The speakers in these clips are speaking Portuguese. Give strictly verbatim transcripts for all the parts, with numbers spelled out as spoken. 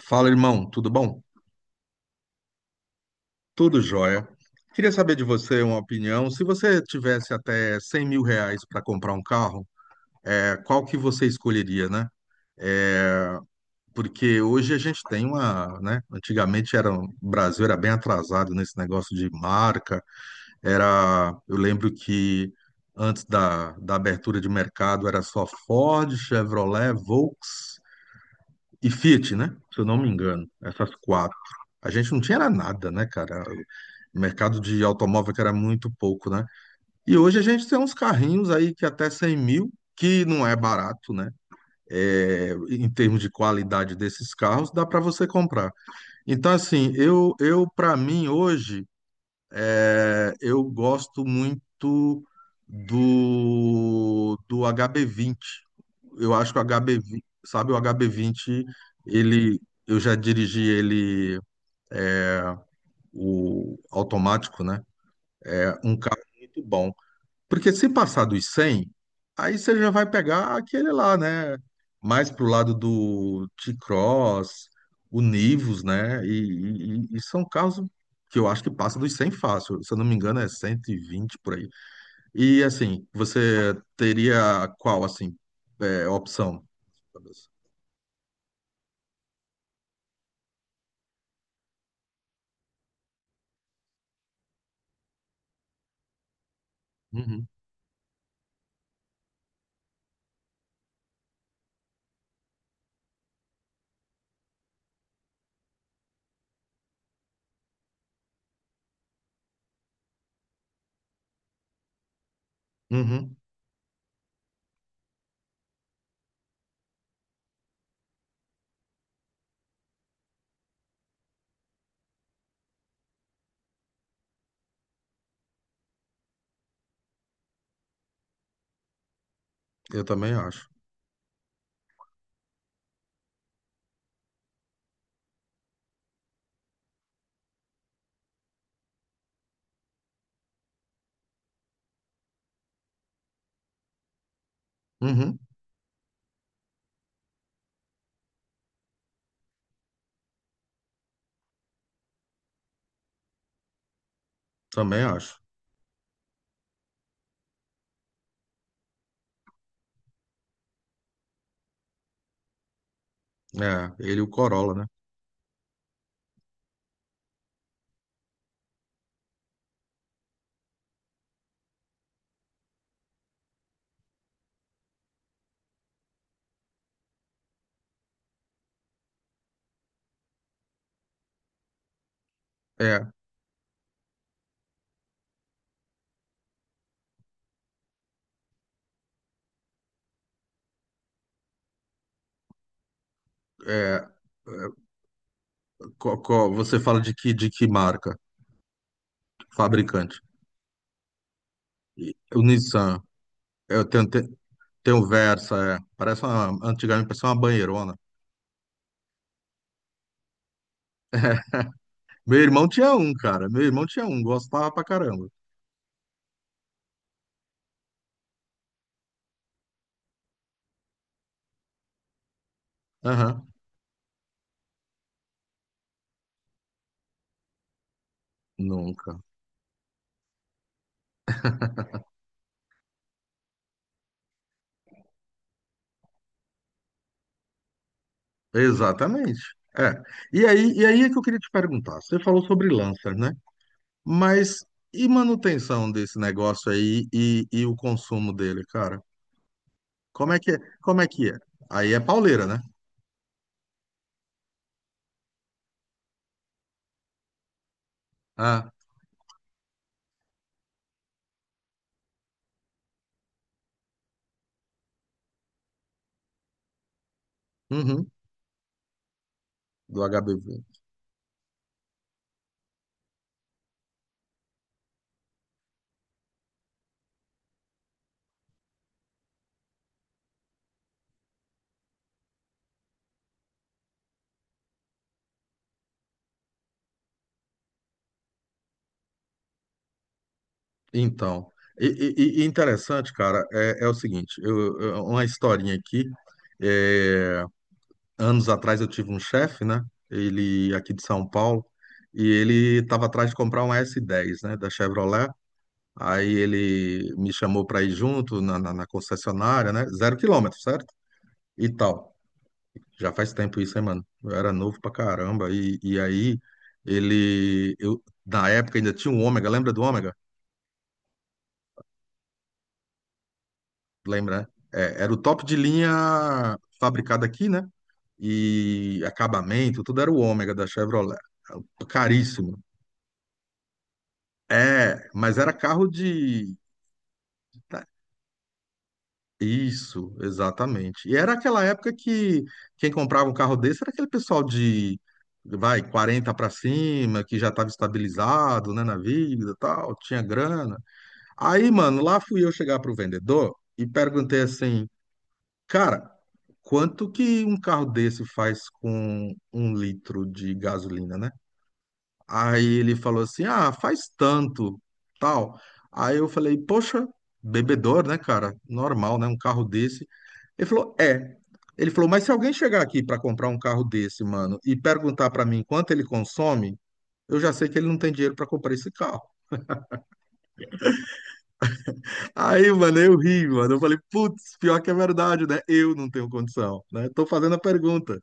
Fala, irmão, tudo bom? Tudo jóia. Queria saber de você uma opinião. Se você tivesse até cem mil reais para comprar um carro, é, qual que você escolheria, né? Porque hoje a gente tem uma, né? Antigamente era, um, o Brasil era bem atrasado nesse negócio de marca. Era, eu lembro que antes da, da abertura de mercado era só Ford, Chevrolet, Volks e Fiat, né? Se eu não me engano, essas quatro. A gente não tinha era nada, né, cara? O mercado de automóvel que era muito pouco, né? E hoje a gente tem uns carrinhos aí que até cem mil, que não é barato, né? É, em termos de qualidade desses carros, dá para você comprar. Então, assim, eu, eu para mim hoje é, eu gosto muito do, do H B vinte. Eu acho que o H B vinte, sabe, o H B vinte, ele, eu já dirigi ele, o automático, né? É um carro muito bom. Porque se passar dos cem, aí você já vai pegar aquele lá, né? Mais pro lado do T-Cross, o Nivus, né? E, e- e- e são carros que eu acho que passa dos cem fácil. Se eu não me engano, é cento e vinte por aí. E assim, você teria qual, assim, é, opção? Uhum. Uhum. Eu também acho. Uhum. Também acho. É, ele e o Corolla, né? É, é, é, co- co- você fala de que, de que marca? Fabricante. E- O Nissan. Eu tenho, te- tenho Versa, é. Parece uma, antigamente parecia uma banheirona. Meu irmão tinha um, cara. Meu irmão tinha um, gostava pra caramba. Aham. Nunca. Exatamente. É. E aí, e aí é que eu queria te perguntar. Você falou sobre lança, né? Mas e manutenção desse negócio aí e, e o consumo dele, cara? Como é que é? Como é que é? Aí é pauleira, né? Ah, uhum, do H B V. Então, e, e- e interessante, cara, é, é o seguinte, eu, eu- uma historinha aqui. é, Anos atrás eu tive um chefe, né? Ele aqui de São Paulo, e ele estava atrás de comprar um S dez, né? Da Chevrolet. Aí ele me chamou para ir junto na, na, na concessionária, né? Zero quilômetro, certo? E tal. Já faz tempo isso, hein, mano? Eu era novo pra caramba. E, e aí ele. Eu, na época ainda tinha um Ômega, lembra do Ômega? Lembra, né? É, era o top de linha fabricado aqui, né? E acabamento, tudo era o Ômega da Chevrolet. Caríssimo. É, mas era carro de. Isso, exatamente. E era aquela época que quem comprava um carro desse era aquele pessoal de, vai, quarenta para cima, que já estava estabilizado, né, na vida, e tal, tinha grana. Aí, mano, lá fui eu chegar pro vendedor e perguntei assim, cara, quanto que um carro desse faz com um litro de gasolina, né? Aí ele falou assim: ah, faz tanto, tal. Aí eu falei: poxa, bebedor, né, cara? Normal, né? Um carro desse. Ele falou: é. Ele falou: mas se alguém chegar aqui para comprar um carro desse, mano, e perguntar para mim quanto ele consome, eu já sei que ele não tem dinheiro para comprar esse carro. Aí, mano, eu ri, mano. Eu falei, putz, pior que é verdade, né? Eu não tenho condição, né? Tô fazendo a pergunta.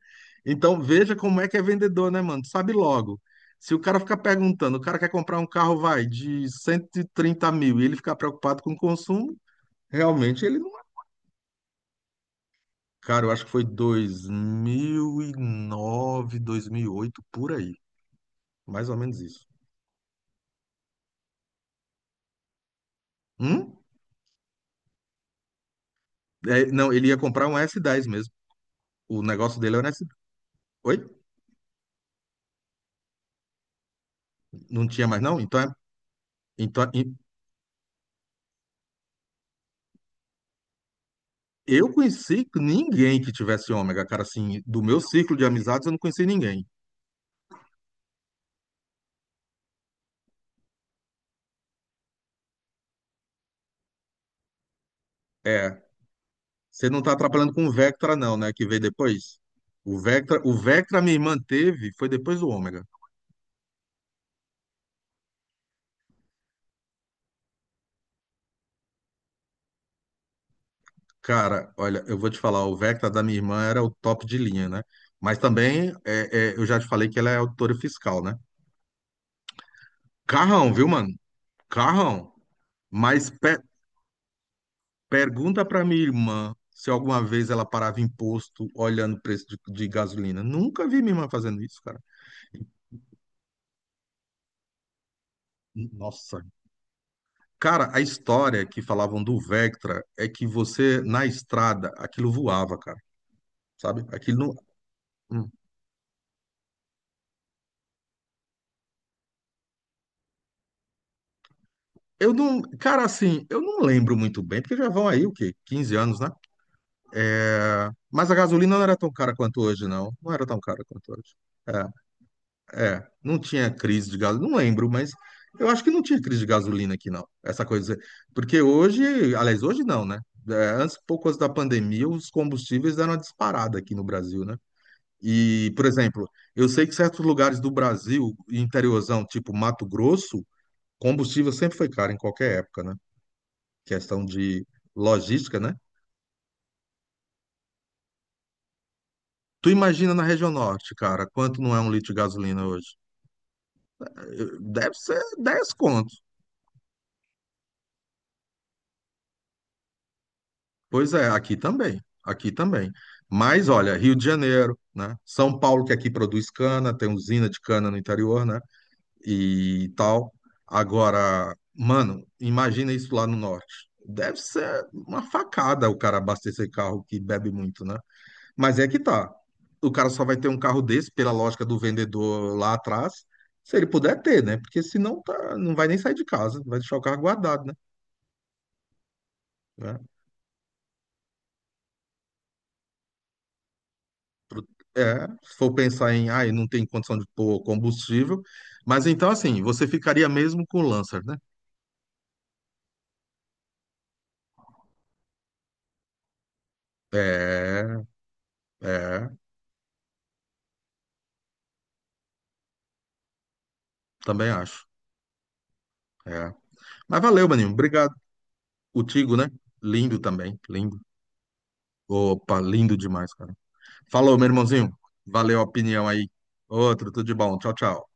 Então, veja como é que é vendedor, né, mano? Sabe logo. Se o cara ficar perguntando, o cara quer comprar um carro, vai, de cento e trinta mil, e ele ficar preocupado com o consumo, realmente ele não. Cara, eu acho que foi dois dois mil mil e nove, dois mil e oito, por aí. Mais ou menos isso. Hum? É, não, ele ia comprar um s dez mesmo. O negócio dele era um S dez. Oi? Não tinha mais, não? Então é. Então, é, eu conheci ninguém que tivesse ômega, cara, assim, do meu círculo de amizades eu não conheci ninguém. É, você não tá atrapalhando com o Vectra não, né, que veio depois? O Vectra, o Vectra minha irmã teve, foi depois do ômega. Cara, olha, eu vou te falar, o Vectra da minha irmã era o top de linha, né? Mas também, é, é, eu já te falei que ela é auditora fiscal, né? Carrão, viu, mano? Carrão. Mas pe- pergunta pra minha irmã se alguma vez ela parava em posto olhando o preço de, de gasolina. Nunca vi minha irmã fazendo isso, cara. Nossa. Cara, a história que falavam do Vectra é que você, na estrada, aquilo voava, cara. Sabe? Aquilo não. Hum. Eu não. Cara, assim, eu não lembro muito bem, porque já vão aí o quê? Quinze anos, né? É, mas a gasolina não era tão cara quanto hoje, não. Não era tão cara quanto hoje. É, é. Não tinha crise de gasolina. Não lembro, mas eu acho que não tinha crise de gasolina aqui, não. Essa coisa. Porque hoje, aliás, hoje não, né? É, antes, pouco antes da pandemia, os combustíveis deram uma disparada aqui no Brasil, né? E, por exemplo, eu sei que certos lugares do Brasil, interiorzão, tipo Mato Grosso, combustível sempre foi caro em qualquer época, né? Questão de logística, né? Tu imagina na região norte, cara, quanto não é um litro de gasolina hoje? Eu- Deve ser dez contos. Pois é, aqui também, aqui também. Mas olha, Rio de Janeiro, né? São Paulo, que aqui produz cana, tem usina de cana no interior, né? E tal. Agora, mano, imagina isso lá no norte. Deve ser uma facada o cara abastecer carro que bebe muito, né? Mas é que tá. O cara só vai ter um carro desse, pela lógica do vendedor lá atrás, se ele puder ter, né? Porque senão tá, não vai nem sair de casa, vai deixar o carro guardado, né? É, pro- é, se for pensar em, ah, eu não tem condição de pôr combustível. Mas então, assim, você ficaria mesmo com o Lancer, né? É, é, também acho. É. Mas valeu, maninho. Obrigado. O Tigo, né? Lindo também. Lindo. Opa, lindo demais, cara. Falou, meu irmãozinho. Valeu a opinião aí. Outro, tudo de bom. Tchau, tchau.